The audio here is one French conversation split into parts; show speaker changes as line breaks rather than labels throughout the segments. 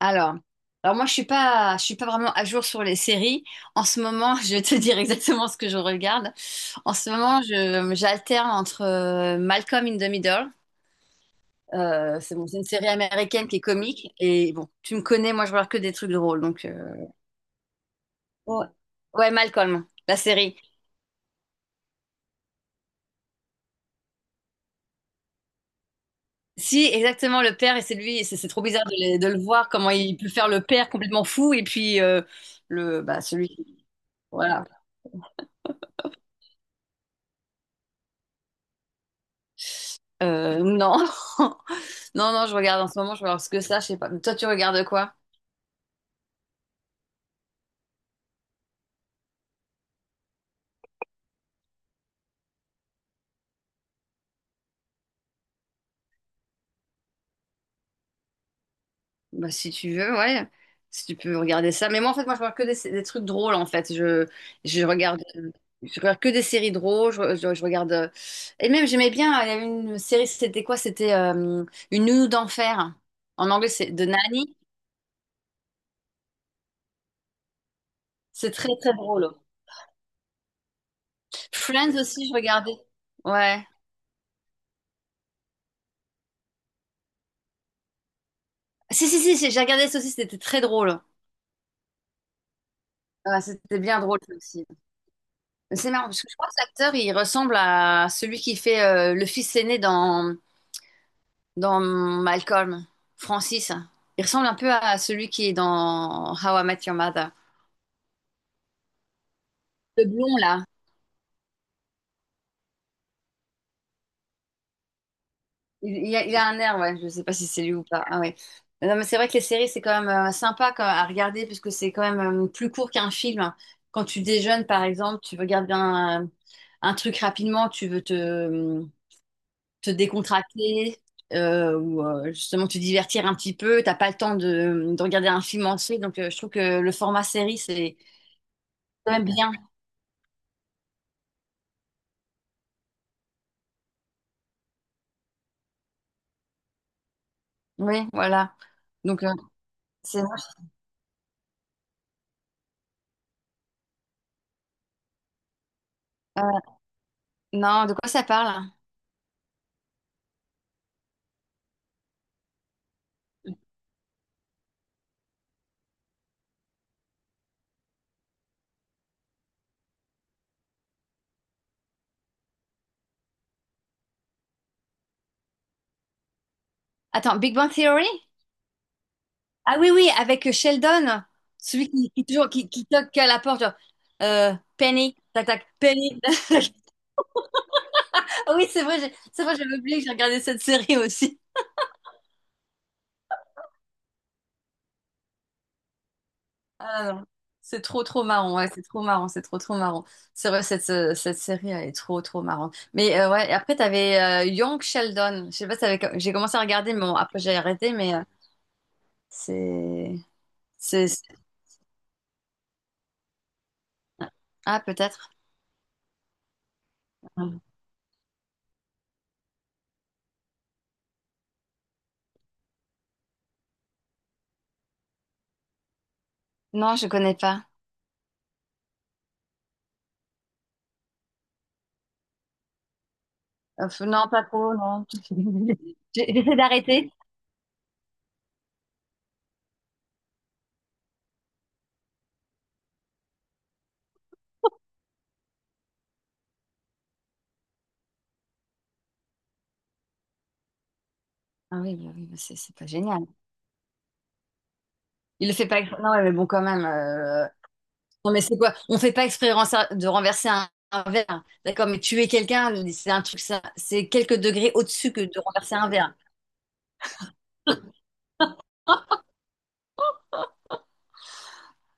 Alors, alors, moi je suis pas vraiment à jour sur les séries. En ce moment, je vais te dire exactement ce que je regarde. En ce moment, j'alterne entre Malcolm in the Middle. C'est bon, c'est une série américaine qui est comique. Et bon, tu me connais, moi je regarde que des trucs drôles. Donc, ouais. Ouais, Malcolm, la série. Si, exactement, le père, et c'est lui, et c'est trop bizarre de, le voir, comment il peut faire le père complètement fou, et puis le, bah, celui qui. Voilà. Non. Non, non, je regarde en ce moment, je regarde ce que ça, je sais pas. Toi, tu regardes quoi? Bah, si tu veux, ouais. Si tu peux regarder ça. Mais moi, en fait, moi, je regarde que des trucs drôles, en fait. Je regarde, je regarde que des séries drôles. Je regarde. Et même, j'aimais bien, il y avait une série, c'était quoi? C'était Une nounou d'enfer. En anglais, c'est The Nanny. C'est très, très drôle. Friends aussi, je regardais. Ouais. Si, si, si, si, j'ai regardé ça aussi, c'était très drôle. Ah, c'était bien drôle, ça aussi. C'est marrant, parce que je crois que l'acteur, il ressemble à celui qui fait le fils aîné dans Malcolm, Francis. Il ressemble un peu à celui qui est dans How I Met Your Mother. Le blond, là. Il a un air, ouais. Je sais pas si c'est lui ou pas. Ah ouais. Non, mais c'est vrai que les séries, c'est quand même sympa à regarder, puisque c'est quand même plus court qu'un film. Quand tu déjeunes, par exemple, tu regardes bien un, un truc rapidement, tu veux te décontracter ou justement te divertir un petit peu. T'as pas le temps de regarder un film entier, donc je trouve que le format série, c'est quand même bien. Oui, voilà. Donc, c'est... euh, non, de quoi ça parle? Attends, Big Bang Theory? Ah oui, oui, avec Sheldon, celui qui toujours qui toque à la porte, genre, Penny, tac, tac, Penny. Ah oui, c'est vrai, c'est vrai, j'avais oublié que j'ai regardé cette série aussi. Ah non, c'est trop trop marrant, ouais, c'est trop marrant, c'est trop trop marrant. C'est vrai, cette série, elle est trop trop marrante. Mais ouais, et après, t'avais Young Sheldon. Je sais pas si t'avais... J'ai commencé à regarder, mais bon, après j'ai arrêté, mais c'est... c'est... Ah, peut-être. Non, je connais pas. Non, pas trop, non. J'essaie d'arrêter. Ah oui, bah c'est pas génial. Il le fait pas... Non, ouais, mais bon, quand même. Non, mais c'est quoi? On fait pas exprès de renverser un verre. D'accord, mais tuer quelqu'un, c'est un truc, ça, c'est quelques degrés au-dessus que de renverser un verre.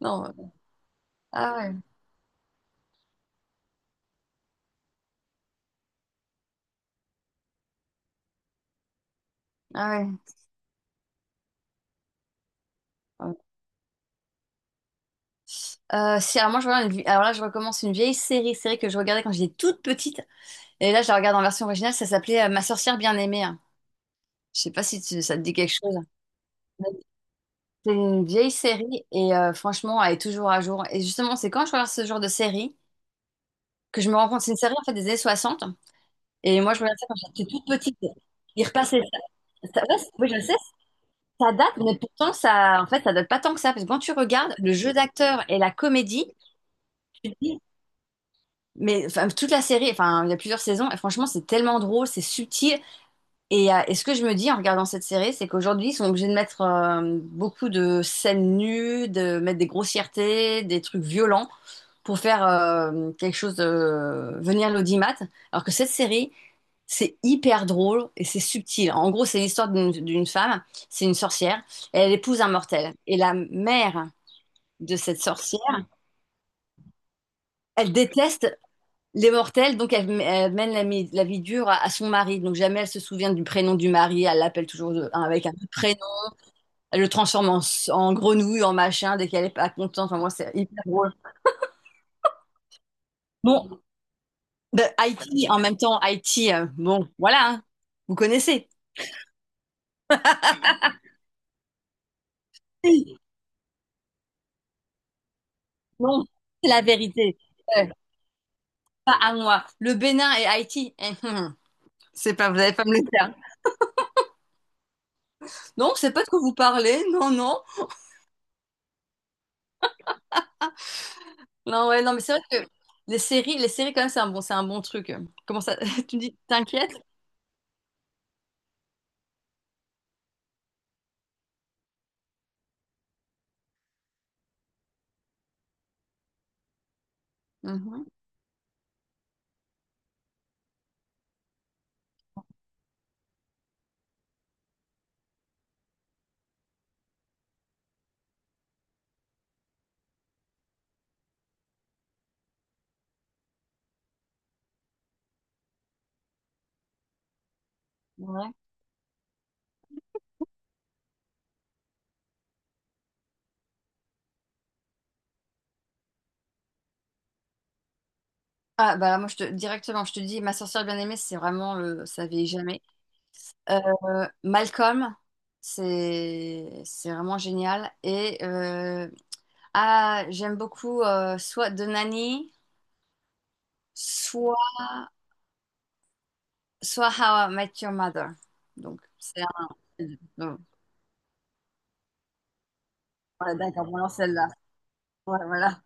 Non. Ah ouais. Ah ouais. Ouais. Si, alors moi, je regarde alors là, je recommence une vieille série que je regardais quand j'étais toute petite. Et là, je la regarde en version originale. Ça s'appelait Ma sorcière bien-aimée, hein. Je sais pas si ça te dit quelque chose. C'est une vieille série et franchement, elle est toujours à jour. Et justement, c'est quand je regarde ce genre de série que je me rends compte, c'est une série en fait des années 60. Et moi, je regardais ça quand j'étais toute petite. Ils repassaient ça. Ouais, oui, je sais, ça date, mais pourtant, ça, en fait, ça date pas tant que ça. Parce que quand tu regardes le jeu d'acteur et la comédie, tu te dis, mais enfin, toute la série, enfin, il y a plusieurs saisons, et franchement, c'est tellement drôle, c'est subtil. Et ce que je me dis en regardant cette série, c'est qu'aujourd'hui, ils sont obligés de mettre beaucoup de scènes nues, de mettre des grossièretés, des trucs violents pour faire quelque chose de venir l'audimat. Alors que cette série, c'est hyper drôle et c'est subtil. En gros, c'est l'histoire d'une femme, c'est une sorcière, et elle épouse un mortel. Et la mère de cette sorcière, elle déteste les mortels, donc elle mène la vie dure à son mari. Donc jamais elle se souvient du prénom du mari, elle l'appelle toujours hein, avec un autre prénom. Elle le transforme en grenouille, en machin, dès qu'elle est pas contente. Enfin, moi, c'est hyper drôle. Bon, De IT, en même temps, Haïti bon, voilà, hein, vous connaissez. Non, c'est la vérité. Euh, Pas à moi. Le Bénin et Haïti, c'est pas, vous allez pas me le faire. Non, c'est pas de quoi vous parlez. Non, non. Non, ouais, non, mais c'est vrai que les séries quand même, c'est un bon truc. Comment ça, tu me dis, t'inquiète. Mhm, ouais. Ah bah moi je te directement, je te dis, ma sorcière bien-aimée, c'est vraiment le, ça vieillit jamais. Euh, Malcolm, c'est vraiment génial et ah, j'aime beaucoup soit The Nanny, soit, soit How I Met Your Mother. Donc, c'est un... donc, ouais, d'accord, bon, alors celle-là. Ouais, voilà.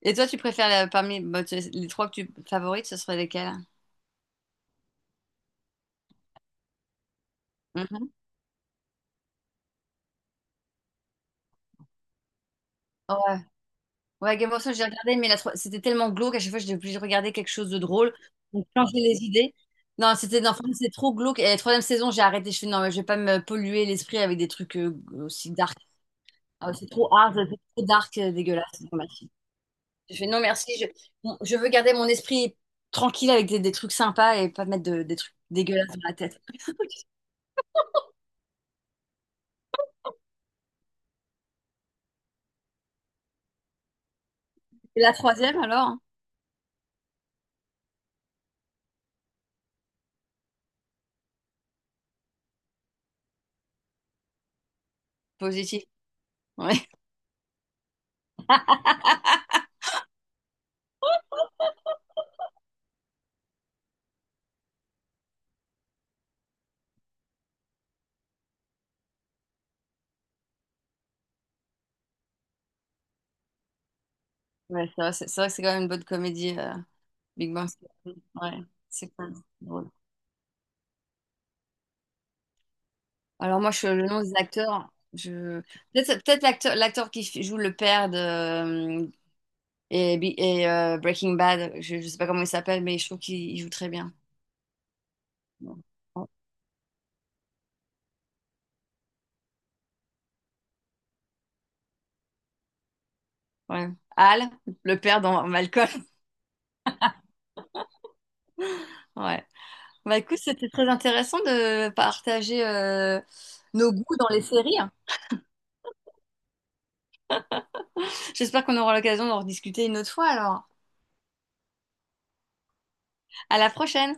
Et toi, tu préfères parmi bah, les trois que tu favorites, ce serait lesquels? Mhm. Ouais. Ouais, Game of Thrones, j'ai regardé, mais c'était tellement glauque, à chaque fois, j'étais obligée de regarder quelque chose de drôle. Donc, changer les idées. Non, c'était non, franchement, c'est trop glauque. Et la troisième saison, j'ai arrêté. Je fais non, mais je vais pas me polluer l'esprit avec des trucs aussi dark. Ah, c'est trop hard, c'est trop dark, dégueulasse. Dommage. Je fais non, merci. Bon, je veux garder mon esprit tranquille avec des trucs sympas et pas mettre des trucs dégueulasses dans la tête. Et la troisième, alors? Hein, positif. Ouais. Ouais, c'est vrai, c'est vrai que c'est quand même une bonne comédie, Big Bang Theory. Ouais, c'est quand même drôle. Alors moi, je, le nom des acteurs, je... Peut-être l'acteur qui joue le père de... et, Breaking Bad, je sais pas comment il s'appelle, mais je trouve qu'il il joue très bien. Ouais. Al, le père dans Malcolm. Ouais. Bah écoute, c'était très intéressant de partager nos goûts dans les séries. J'espère qu'on aura l'occasion d'en rediscuter une autre fois alors. À la prochaine!